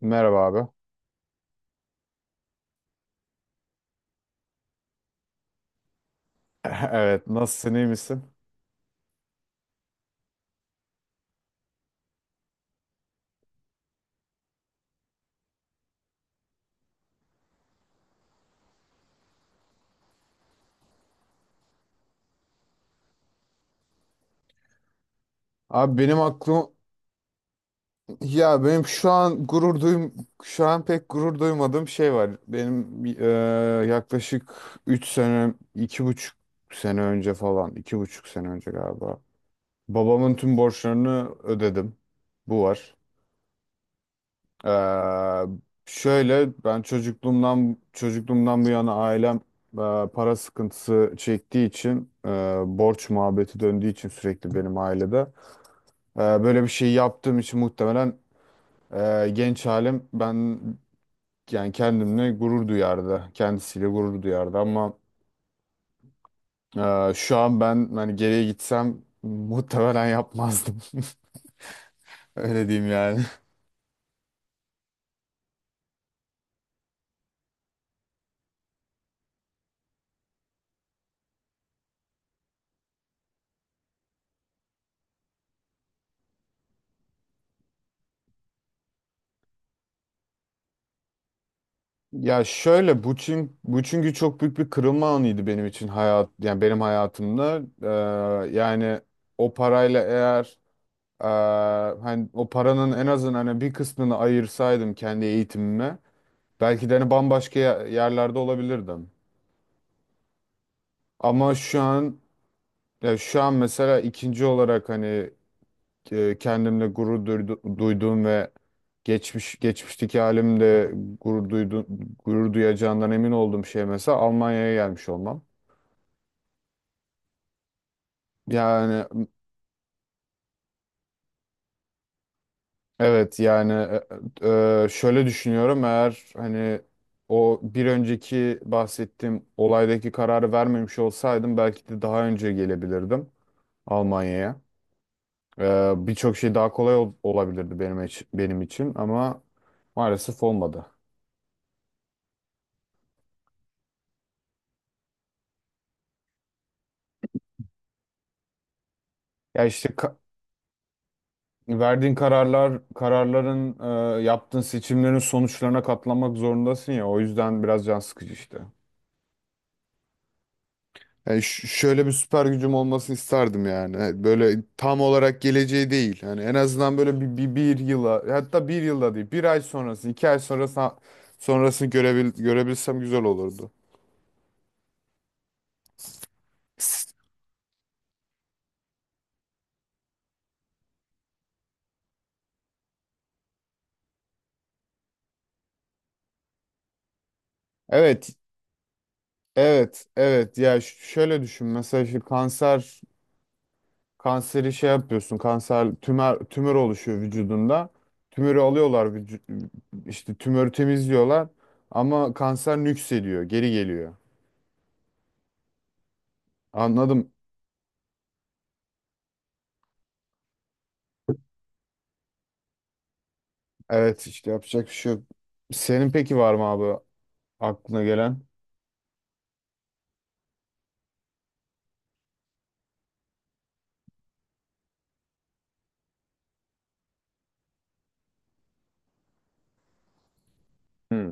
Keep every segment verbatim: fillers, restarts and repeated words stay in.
Merhaba abi. Evet, nasılsın, iyi misin? Abi benim aklım ya benim şu an gurur duyum şu an pek gurur duymadığım şey var. Benim e, yaklaşık üç sene, iki buçuk sene önce falan, iki buçuk sene önce galiba. Babamın tüm borçlarını ödedim. Bu var. E, Şöyle ben çocukluğumdan çocukluğumdan bu yana ailem e, para sıkıntısı çektiği için e, borç muhabbeti döndüğü için sürekli benim ailede. Ee, Böyle bir şey yaptığım için muhtemelen e, genç halim ben yani kendimle gurur duyardı. Kendisiyle gurur duyardı ama e, şu an ben hani geriye gitsem muhtemelen yapmazdım. Öyle diyeyim yani. Ya şöyle bu çünkü, bu çünkü çok büyük bir kırılma anıydı benim için hayat yani benim hayatımda. Ee, yani o parayla eğer e, hani o paranın en azından hani bir kısmını ayırsaydım kendi eğitimime belki de hani bambaşka ye- yerlerde olabilirdim. Ama şu an ya şu an mesela ikinci olarak hani e, kendimle gurur duydu- duyduğum ve geçmiş geçmişteki halimde gurur duydu, gurur duyacağından emin olduğum şey mesela Almanya'ya gelmiş olmam. Yani evet yani e, e, şöyle düşünüyorum eğer hani o bir önceki bahsettiğim olaydaki kararı vermemiş olsaydım belki de daha önce gelebilirdim Almanya'ya. Ee, birçok şey daha kolay ol- olabilirdi benim için, benim için ama maalesef olmadı. Ya işte ka- verdiğin kararlar, kararların, e, yaptığın seçimlerin sonuçlarına katlanmak zorundasın ya. O yüzden biraz can sıkıcı işte. Yani ş- şöyle bir süper gücüm olmasını isterdim yani. Hani böyle tam olarak geleceği değil. Yani en azından böyle bir, bir, bir yıla hatta bir yılda değil bir ay sonrası iki ay sonrası sonrasını görebil, görebilsem güzel olurdu. Evet, Evet, evet. Ya ş- şöyle düşün. Mesela şu kanser kanseri şey yapıyorsun. Kanser tümör tümör oluşuyor vücudunda. Tümörü alıyorlar vücu- işte tümörü temizliyorlar ama kanser nüksediyor, geri geliyor. Anladım. Evet, işte yapacak bir şey yok. Senin peki var mı abi aklına gelen? Hmm.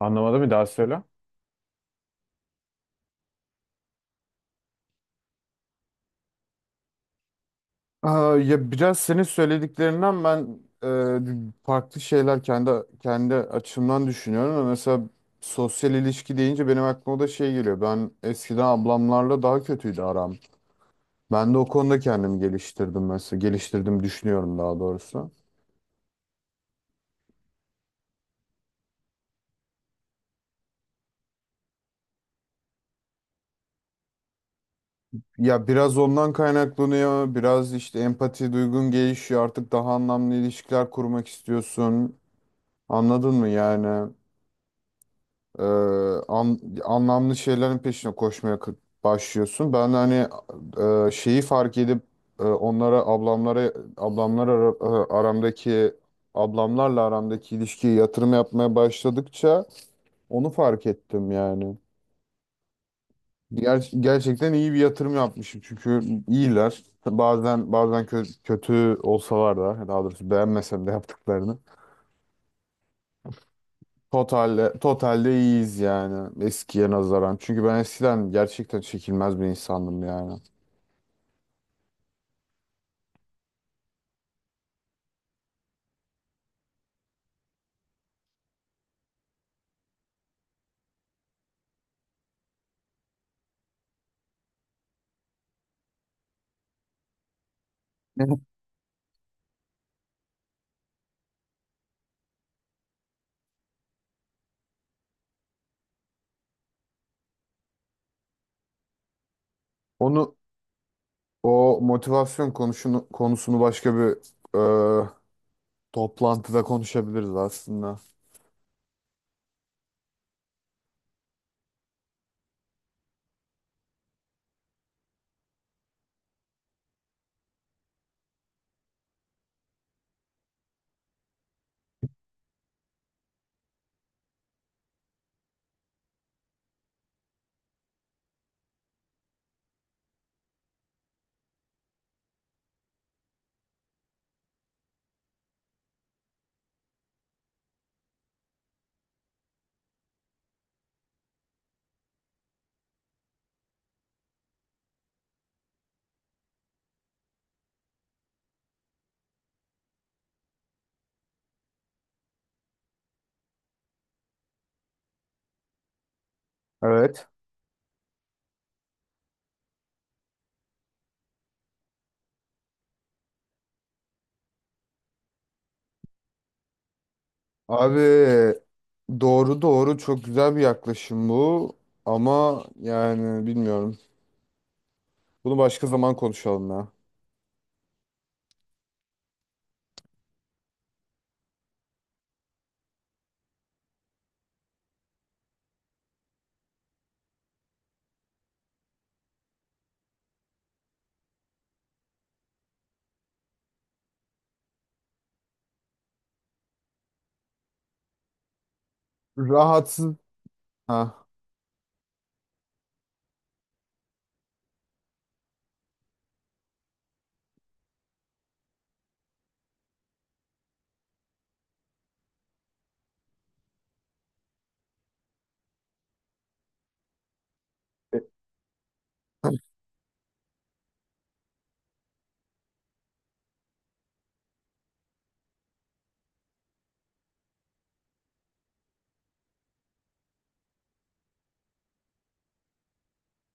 Anlamadım bir daha söyle. Aa, ya biraz senin söylediklerinden ben e, farklı şeyler kendi kendi açımdan düşünüyorum. Ama mesela sosyal ilişki deyince benim aklıma da şey geliyor. Ben eskiden ablamlarla daha kötüydü aram. Ben de o konuda kendimi geliştirdim mesela. Geliştirdim düşünüyorum daha doğrusu. Ya biraz ondan kaynaklanıyor. Biraz işte empati duygun gelişiyor. Artık daha anlamlı ilişkiler kurmak istiyorsun. Anladın mı yani? Ee, an- Anlamlı şeylerin peşine koşmaya kı- başlıyorsun. Ben de hani e, şeyi fark edip e, onlara ablamlara ablamlar ara- e, aramdaki ablamlarla aramdaki ilişkiye yatırım yapmaya başladıkça onu fark ettim yani. Ger- gerçekten iyi bir yatırım yapmışım çünkü iyiler. Bazen bazen kö- kötü olsalar da daha doğrusu beğenmesem de yaptıklarını. Totalde, totalde iyiyiz yani eskiye nazaran. Çünkü ben eskiden gerçekten çekilmez bir insandım yani. Evet. Onu o motivasyon konusunu konusunu başka bir e, toplantıda konuşabiliriz aslında. Evet. Abi doğru doğru çok güzel bir yaklaşım bu ama yani bilmiyorum. Bunu başka zaman konuşalım ya. Rahatsız. Ha.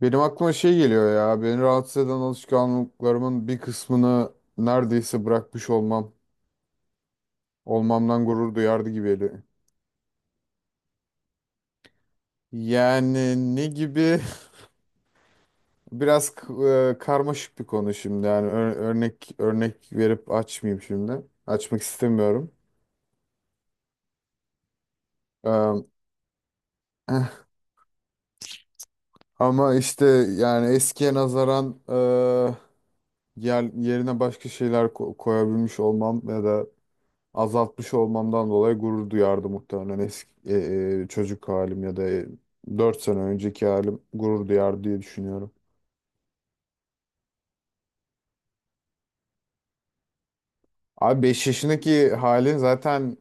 Benim aklıma şey geliyor ya. Beni rahatsız eden alışkanlıklarımın bir kısmını neredeyse bırakmış olmam. Olmamdan gurur duyardı gibi geliyor. Yani ne gibi? Biraz k- e, karmaşık bir konu şimdi. Yani ör- örnek örnek verip açmayayım şimdi. Açmak istemiyorum. Ee, ama işte yani eskiye nazaran e, yer- yerine başka şeyler ko- koyabilmiş olmam ya da azaltmış olmamdan dolayı gurur duyardı muhtemelen eski e, e, çocuk halim ya da dört sene önceki halim gurur duyardı diye düşünüyorum. Abi beş yaşındaki halin zaten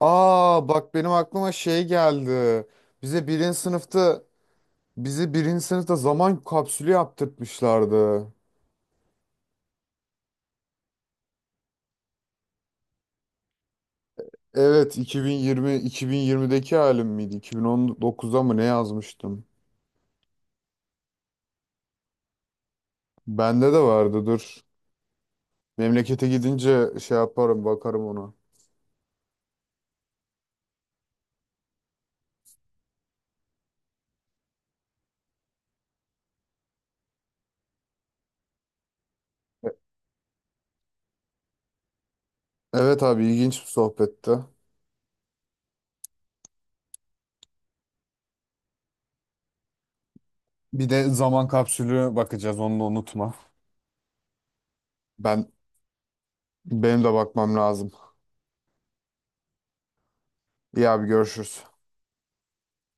aa bak benim aklıma şey geldi. Bize birinci sınıfta bizi birinci sınıfta zaman kapsülü yaptırtmışlardı. Evet iki bin yirmi iki bin yirmideki halim miydi? iki bin on dokuzda mı ne yazmıştım? Bende de vardı dur. Memlekete gidince şey yaparım bakarım ona. Evet abi ilginç bir sohbetti. Bir de zaman kapsülü bakacağız onu da unutma. Ben Benim de bakmam lazım. İyi abi görüşürüz.